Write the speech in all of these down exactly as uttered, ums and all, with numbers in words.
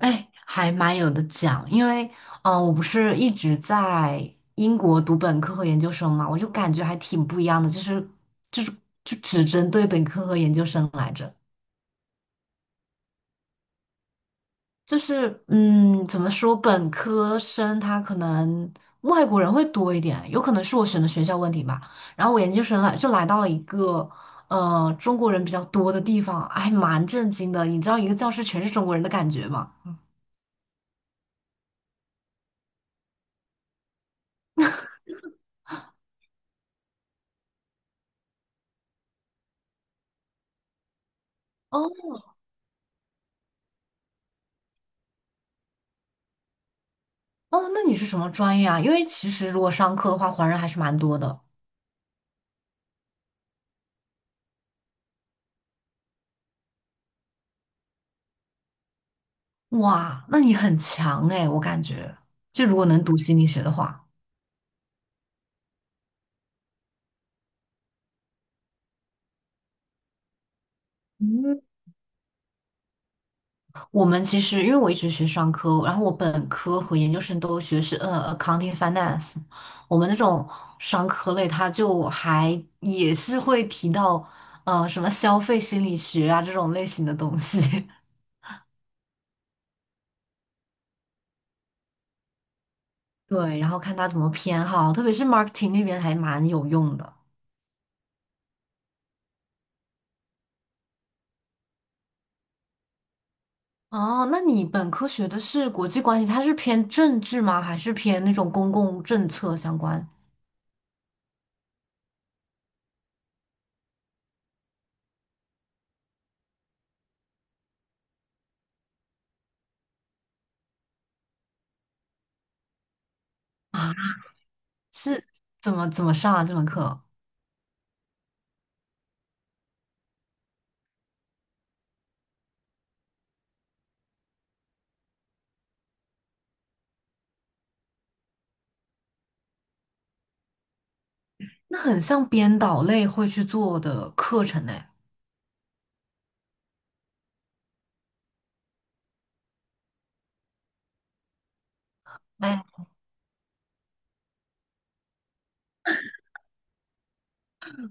哎，还蛮有的讲，因为嗯、呃我不是一直在英国读本科和研究生嘛，我就感觉还挺不一样的，就是就是就只针对本科和研究生来着，就是嗯，怎么说，本科生他可能外国人会多一点，有可能是我选的学校问题吧，然后我研究生来就来到了一个。呃，中国人比较多的地方，还蛮震惊的。你知道一个教室全是中国人的感觉吗？哦。哦，那你是什么专业啊？因为其实如果商科的话，华人还是蛮多的。哇，那你很强哎，我感觉，就如果能读心理学的话。嗯，我们其实因为我一直学商科，然后我本科和研究生都学是呃 accounting finance，我们那种商科类，它就还也是会提到呃什么消费心理学啊这种类型的东西。对，然后看他怎么偏好，特别是 marketing 那边还蛮有用的。哦，那你本科学的是国际关系，它是偏政治吗？还是偏那种公共政策相关啊？是怎么怎么上啊这门课？那很像编导类会去做的课程呢。哎，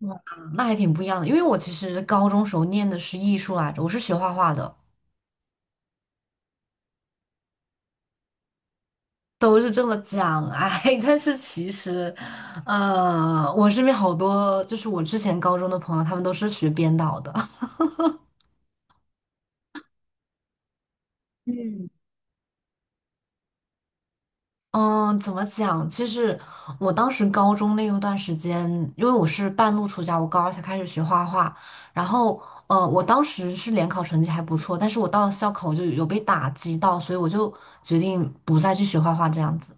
哇，那还挺不一样的。因为我其实高中时候念的是艺术来着，我是学画画的，都是这么讲。哎，但是其实，呃，我身边好多就是我之前高中的朋友，他们都是学编导的。嗯。嗯，怎么讲？其实我当时高中那一段时间，因为我是半路出家，我高二才开始学画画。然后，呃，我当时是联考成绩还不错，但是我到了校考我就有被打击到，所以我就决定不再去学画画这样子。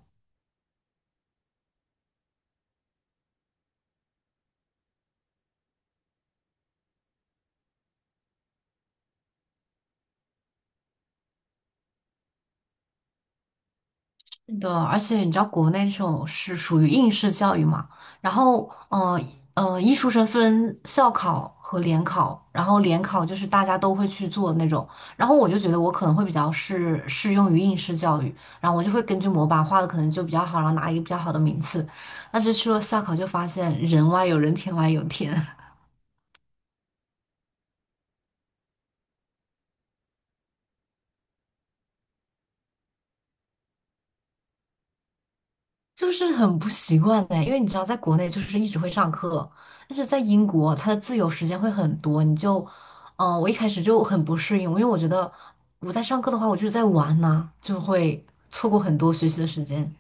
是的，而且你知道国内这种是属于应试教育嘛，然后呃呃，艺术生分校考和联考，然后联考就是大家都会去做的那种，然后我就觉得我可能会比较适适用于应试教育，然后我就会根据模板画的可能就比较好，然后拿一个比较好的名次，但是去了校考就发现人外有人，天外有天。就是很不习惯的，因为你知道，在国内就是一直会上课，但是在英国，它的自由时间会很多，你就，嗯、我一开始就很不适应，因为我觉得我在上课的话，我就是在玩呐，就会错过很多学习的时间。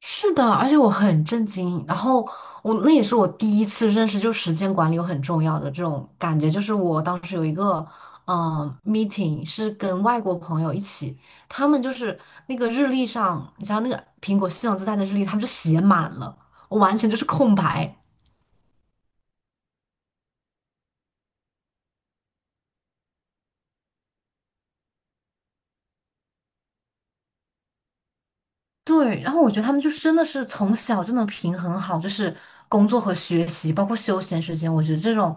是的，而且我很震惊。然后我那也是我第一次认识，就时间管理有很重要的这种感觉。就是我当时有一个嗯 meeting 是跟外国朋友一起，他们就是那个日历上，你知道那个苹果系统自带的日历，他们就写满了，我完全就是空白。对，然后我觉得他们就是真的是从小就能平衡好，就是工作和学习，包括休闲时间。我觉得这种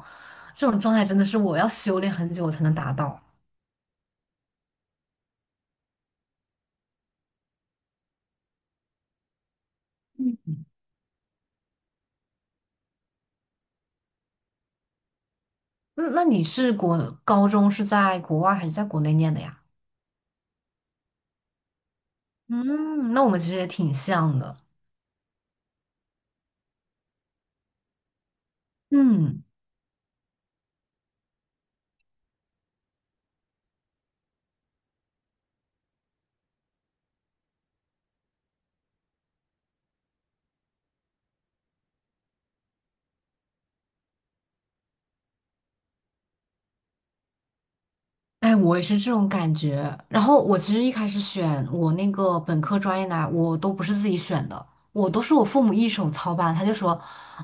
这种状态真的是我要修炼很久我才能达到。那那你是国高中是在国外还是在国内念的呀？嗯，那我们其实也挺像的。嗯，哎，我也是这种感觉。然后我其实一开始选我那个本科专业呢，我都不是自己选的，我都是我父母一手操办。他就说，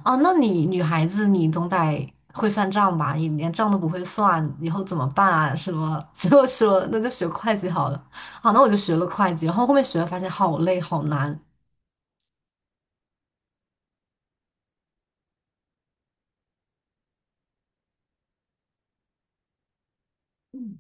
啊，那你女孩子你总得会算账吧？你连账都不会算，以后怎么办啊？什么？就说那就学会计好了。好，那我就学了会计，然后后面学了发现好累好难。嗯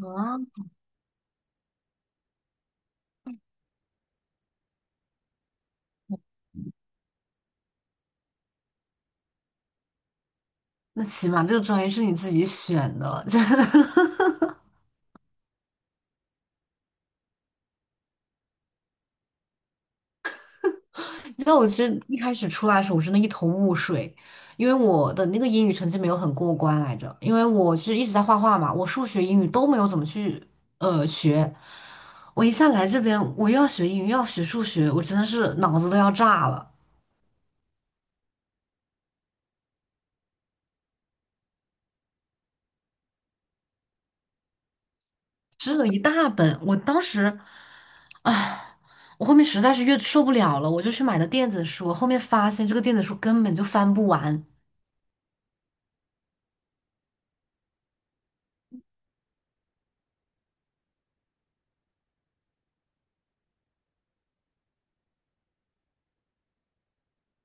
啊，那起码这个专业是你自己选的，真的。你知道我其实一开始出来的时候，我真的一头雾水，因为我的那个英语成绩没有很过关来着，因为我是一直在画画嘛，我数学、英语都没有怎么去呃学。我一下来这边，我又要学英语，又要学数学，我真的是脑子都要炸了，吃了一大本。我当时，唉，我后面实在是越受不了了，我就去买了电子书，后面发现这个电子书根本就翻不完。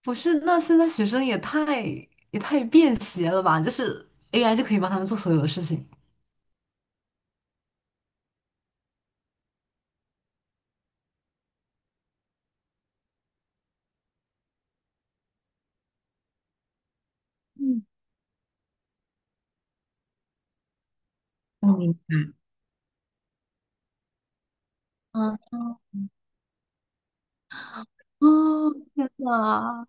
不是，那现在学生也太也太便携了吧？就是 A I 就可以帮他们做所有的事情。嗯，嗯啊，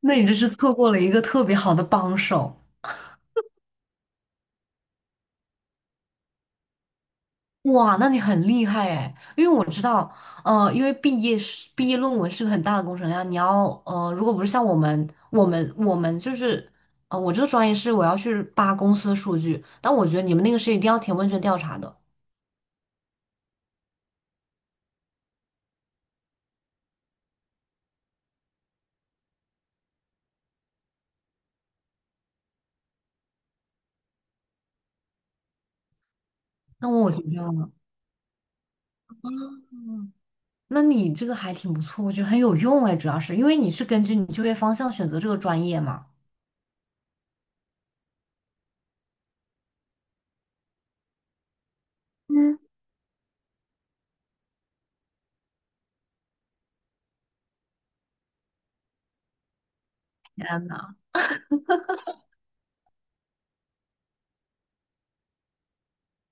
那你这是错过了一个特别好的帮手。哇，那你很厉害哎，因为我知道，呃，因为毕业是毕业论文是个很大的工程量，你要呃，如果不是像我们，我们我们就是，呃，我这个专业是我要去扒公司的数据，但我觉得你们那个是一定要填问卷调查的，那我觉得。那你这个还挺不错，我觉得很有用哎，主要是因为你是根据你就业方向选择这个专业嘛。嗯，天呐，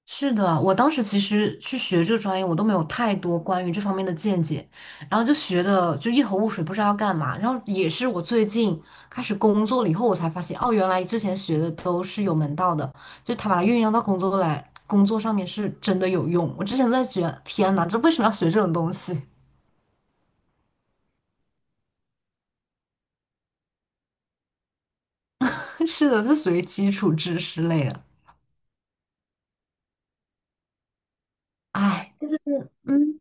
是的，我当时其实去学这个专业，我都没有太多关于这方面的见解，然后就学的就一头雾水，不知道要干嘛。然后也是我最近开始工作了以后，我才发现，哦，原来之前学的都是有门道的，就他把它运用到工作来，工作上面是真的有用。我之前在学，天呐，这为什么要学这种东西？是的，它属于基础知识类的。哎，嗯。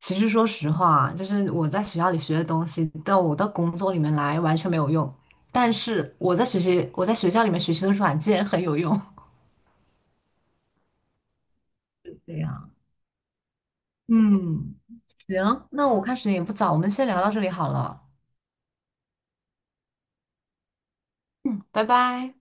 其实说实话，就是我在学校里学的东西，到我到工作里面来完全没有用。但是我在学习，我在学校里面学习的软件很有用。对呀，嗯，行，那我看时间也不早，我们先聊到这里好了，拜拜。